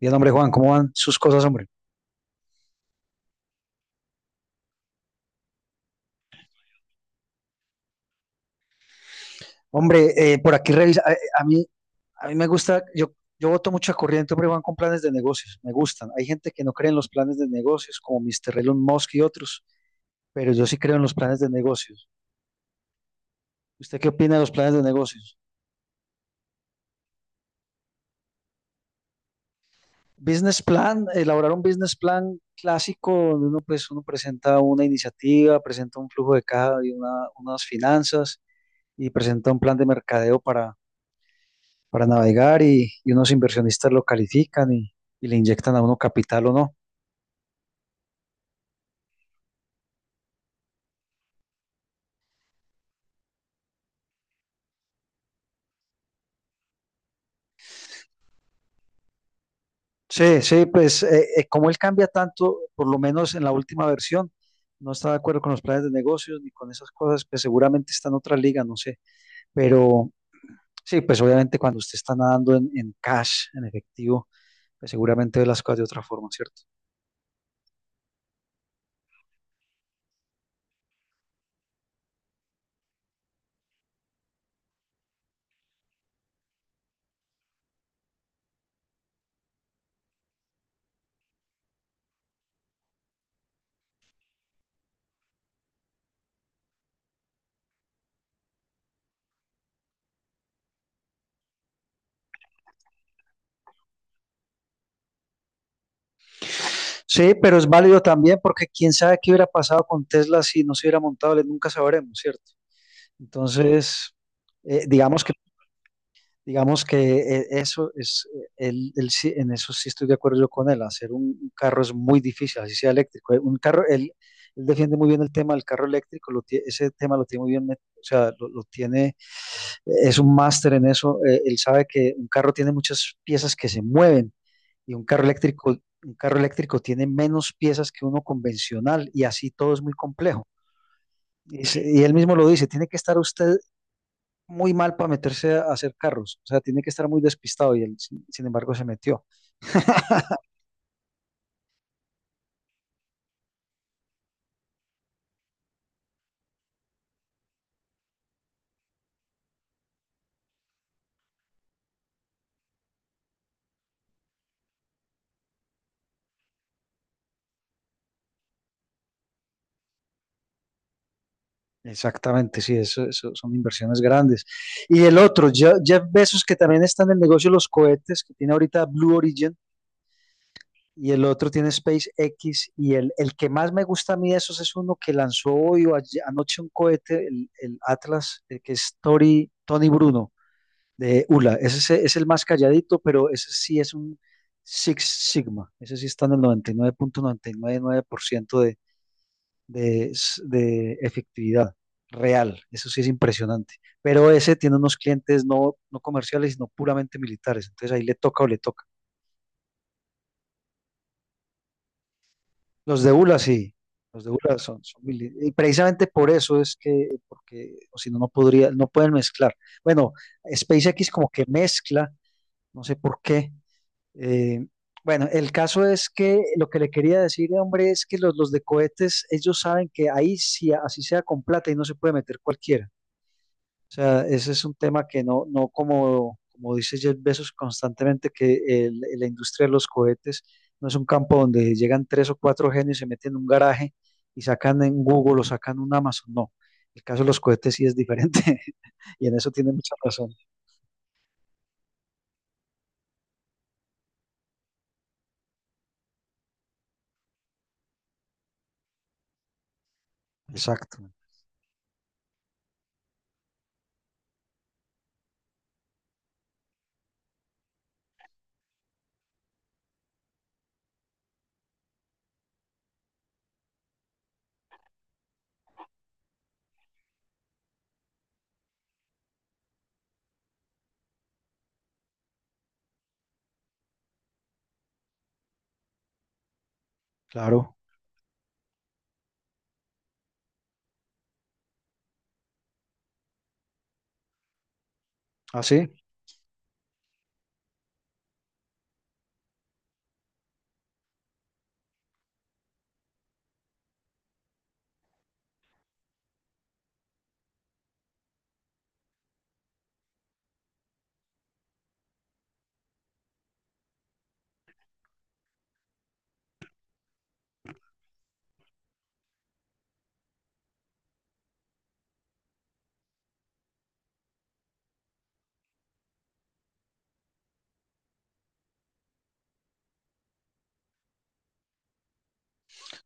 Bien, hombre, Juan, ¿cómo van sus cosas, hombre? Hombre, por aquí revisa, a mí, a mí me gusta, yo voto mucha corriente, hombre, Juan, con planes de negocios, me gustan. Hay gente que no cree en los planes de negocios, como Mr. Elon Musk y otros, pero yo sí creo en los planes de negocios. ¿Usted qué opina de los planes de negocios? Business plan, elaborar un business plan clásico, donde uno, pues, uno presenta una iniciativa, presenta un flujo de caja y unas finanzas y presenta un plan de mercadeo para navegar y unos inversionistas lo califican y le inyectan a uno capital o no. Sí, sí, pues como él cambia tanto, por lo menos en la última versión, no está de acuerdo con los planes de negocios ni con esas cosas, pues seguramente está en otra liga, no sé. Pero sí, pues obviamente cuando usted está nadando en cash, en efectivo, pues seguramente ve las cosas de otra forma, ¿cierto? Sí, pero es válido también porque quién sabe qué hubiera pasado con Tesla si no se hubiera montado, le nunca sabremos, ¿cierto? Entonces, eh, digamos que Digamos que eso es, él- él sí- en eso sí estoy de acuerdo yo con él, hacer un carro es muy difícil, así sea eléctrico. Él defiende muy bien el tema del carro eléctrico, ese tema lo tiene muy bien, o sea, lo tiene, es un máster en eso, él sabe que un carro tiene muchas piezas que se mueven y un carro eléctrico tiene menos piezas que uno convencional y así todo es muy complejo. Y él mismo lo dice, tiene que estar usted muy mal para meterse a hacer carros, o sea, tiene que estar muy despistado y él, sin embargo, se metió. Exactamente, sí, eso son inversiones grandes. Y el otro, Jeff Bezos, que también está en el negocio de los cohetes, que tiene ahorita Blue Origin, y el otro tiene SpaceX, y el que más me gusta a mí de esos es uno que lanzó hoy o anoche un cohete, el Atlas, el que es Tony Bruno de ULA. Ese es el más calladito, pero ese sí es un Six Sigma. Ese sí está en el noventa y nueve punto noventa y nueve por ciento de efectividad real. Eso sí es impresionante. Pero ese tiene unos clientes no, no comerciales, sino puramente militares. Entonces ahí le toca o le toca. Los de ULA sí. Los de ULA son. Y precisamente por eso es que, porque, o si no, no podría, no pueden mezclar. Bueno, SpaceX como que mezcla, no sé por qué. Eh, bueno, el caso es que lo que le quería decir, hombre, es que los de cohetes, ellos saben que ahí sí, así sea con plata y no se puede meter cualquiera. O sea, ese es un tema que no, no como dice Jeff Bezos constantemente, que la industria de los cohetes no es un campo donde llegan tres o cuatro genios, se meten en un garaje y sacan en Google o sacan un Amazon. No, el caso de los cohetes sí es diferente y en eso tiene mucha razón. Exacto, claro. ¿Ah, sí?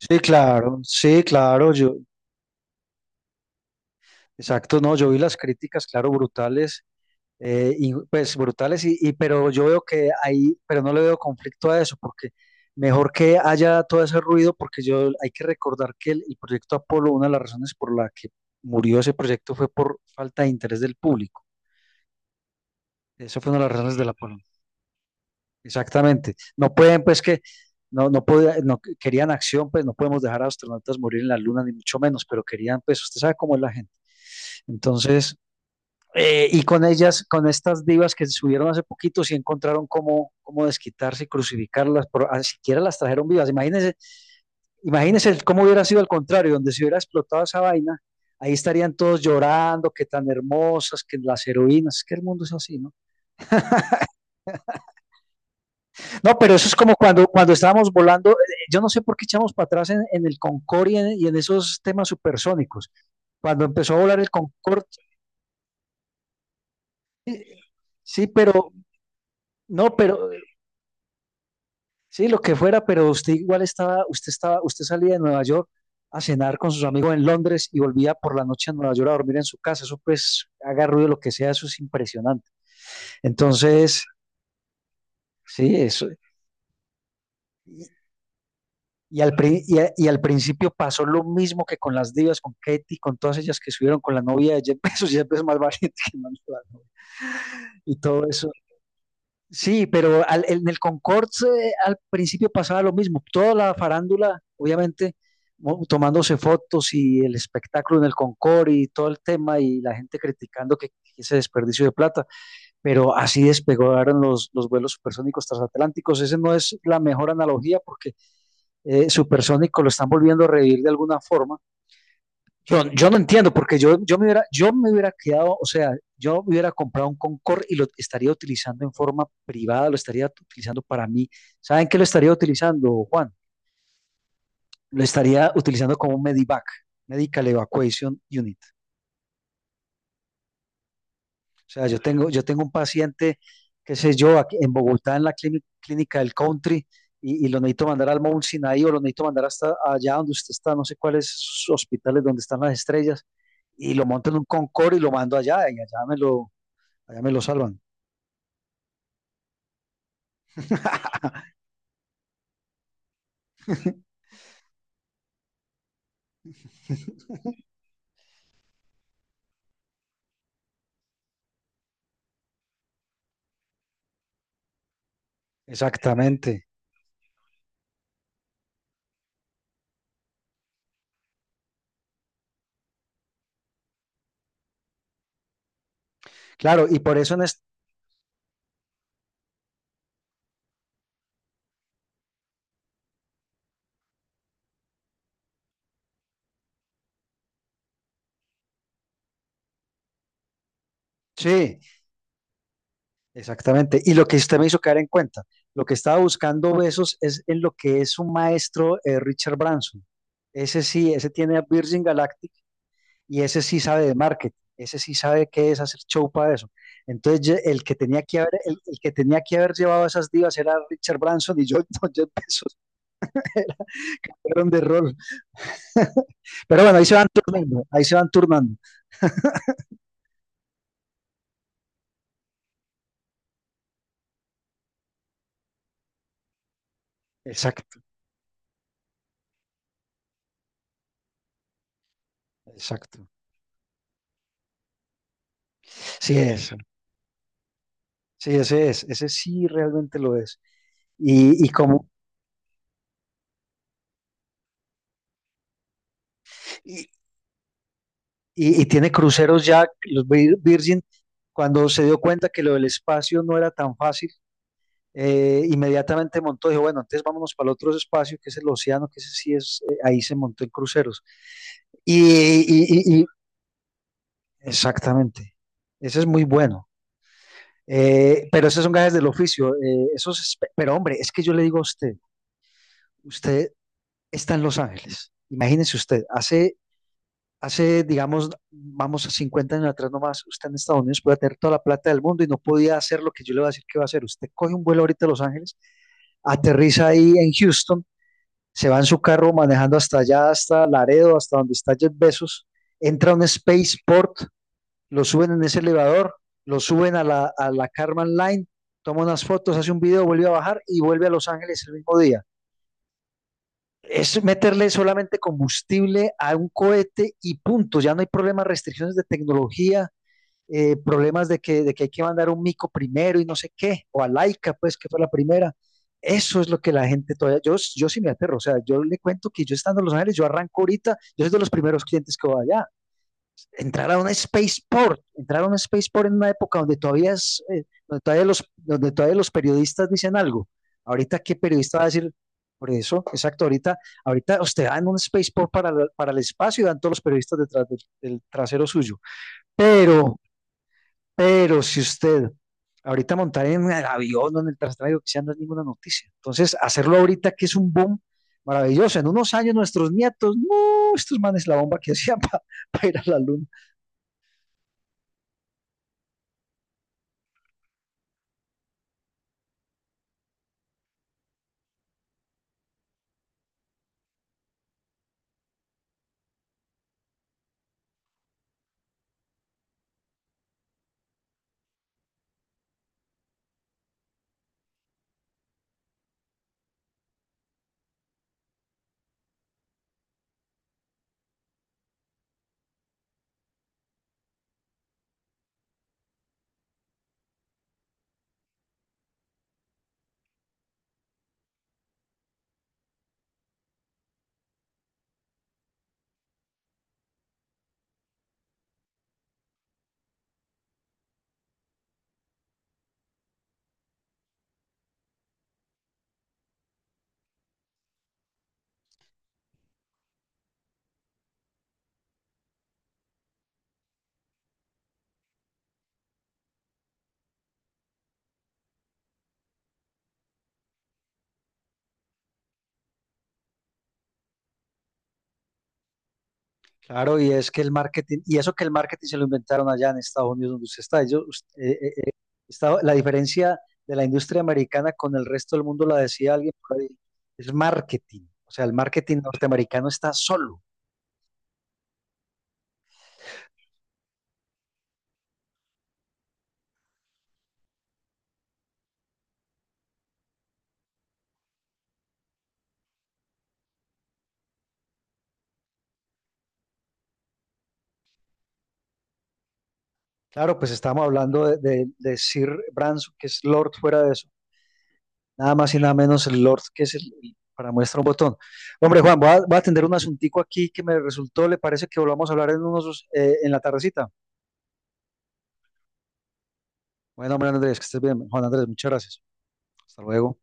Sí, claro, sí, claro. Exacto, no, yo vi las críticas, claro, brutales, y, pues brutales, pero yo veo que ahí, pero no le veo conflicto a eso, porque mejor que haya todo ese ruido, porque yo hay que recordar que el proyecto Apolo, una de las razones por la que murió ese proyecto fue por falta de interés del público. Esa fue una de las razones del Apolo. Exactamente. No pueden, pues que, no, querían acción, pues no podemos dejar a astronautas morir en la luna, ni mucho menos, pero querían, pues, usted sabe cómo es la gente. Entonces… y con ellas, con estas divas que se subieron hace poquito, sí encontraron cómo desquitarse y crucificarlas, pero ni siquiera las trajeron vivas. Imagínense, imagínense cómo hubiera sido al contrario, donde se hubiera explotado esa vaina, ahí estarían todos llorando, que tan hermosas, que las heroínas, que el mundo es así, ¿no? No, pero eso es como cuando estábamos volando, yo no sé por qué echamos para atrás en, el Concorde y en esos temas supersónicos. Cuando empezó a volar el Concorde, sí, sí, pero, no, pero sí, lo que fuera, pero usted igual estaba, usted salía de Nueva York a cenar con sus amigos en Londres y volvía por la noche a Nueva York a dormir en su casa. Eso pues haga ruido lo que sea, eso es impresionante. Entonces, sí, eso. Y, y al principio pasó lo mismo que con las divas, con Katy, con todas ellas que subieron con la novia de Jeff Bezos, Jeff Bezos más valiente que Manuel Barro, y todo eso. Sí, pero en el Concord al principio pasaba lo mismo. Toda la farándula, obviamente, tomándose fotos y el espectáculo en el Concord y todo el tema y la gente criticando que ese desperdicio de plata. Pero así despegaron los vuelos supersónicos transatlánticos. Ese no es la mejor analogía porque supersónico lo están volviendo a revivir de alguna forma. Yo no entiendo, porque yo me hubiera quedado, o sea, yo hubiera comprado un Concord y lo estaría utilizando en forma privada, lo estaría utilizando para mí. ¿Saben qué lo estaría utilizando, Juan? Lo estaría utilizando como un Medivac, Medical Evacuation Unit. O sea, yo tengo un paciente, qué sé yo, aquí en Bogotá, en la clínica, Clínica del Country, lo necesito mandar al Mount Sinai o lo necesito mandar hasta allá donde usted está, no sé cuáles hospitales donde están las estrellas, y lo monto en un Concord y lo mando allá, y allá me lo salvan. Exactamente. Claro, y por eso en este… Sí, exactamente. Y lo que usted me hizo caer en cuenta, lo que estaba buscando Besos es en lo que es un maestro, Richard Branson. Ese sí, ese tiene a Virgin Galactic y ese sí sabe de marketing, ese sí sabe qué es hacer show para eso. Entonces el que tenía que haber llevado a esas divas era Richard Branson y yo, no, yo Bezos, fueron de rol. Pero bueno, ahí se van turnando, ahí se van turnando. Exacto. Exacto. Sí es, sí, ese sí realmente lo es. Y, y como, y, y tiene cruceros ya, los Virgin, cuando se dio cuenta que lo del espacio no era tan fácil, inmediatamente montó, dijo, bueno, entonces vámonos para el otro espacio, que es el océano, que ese sí es, ahí se montó en cruceros. Y, y- y- y- Exactamente, ese es muy bueno. Pero esos son gajes del oficio, esos, pero hombre, es que yo le digo a usted, usted está en Los Ángeles, imagínese usted. Hace, digamos, vamos a 50 años atrás nomás, usted en Estados Unidos podía tener toda la plata del mundo y no podía hacer lo que yo le voy a decir que va a hacer. Usted coge un vuelo ahorita a Los Ángeles, aterriza ahí en Houston, se va en su carro manejando hasta allá, hasta Laredo, hasta donde está Jeff Bezos, entra a un spaceport, lo suben en ese elevador, lo suben a la Karman Line, toma unas fotos, hace un video, vuelve a bajar y vuelve a Los Ángeles el mismo día, es meterle solamente combustible a un cohete y punto. Ya no hay problemas, restricciones de tecnología, problemas de que hay que mandar un mico primero y no sé qué, o a Laika, pues, que fue la primera. Eso es lo que la gente todavía, yo sí me aterro, o sea, yo le cuento que yo estando en Los Ángeles, yo arranco ahorita, yo soy de los primeros clientes que voy allá, entrar a un spaceport, entrar a un spaceport en una época donde todavía es, donde todavía los, periodistas dicen algo. Ahorita, ¿qué periodista va a decir? Por eso, exacto, ahorita, usted va en un spaceport para, para el espacio y van todos los periodistas detrás del trasero suyo. Pero, pero si usted ahorita montar en el avión o en el traslado que sea, no es ninguna noticia. Entonces, hacerlo ahorita que es un boom maravilloso. En unos años nuestros nietos, no, estos manes la bomba que hacían para ir a la luna. Claro, y es que el marketing, y eso que el marketing se lo inventaron allá en Estados Unidos donde usted está. Ellos, la diferencia de la industria americana con el resto del mundo la decía alguien por ahí, es marketing. O sea, el marketing norteamericano está solo. Claro, pues estamos hablando de, de Sir Branson, que es Lord fuera de eso. Nada más y nada menos el Lord, que es para muestra un botón. Hombre, Juan, voy a atender un asuntico aquí que me resultó, le parece que volvamos a hablar en unos, en la tardecita. Bueno, hombre, Andrés, que estés bien. Juan Andrés, muchas gracias. Hasta luego.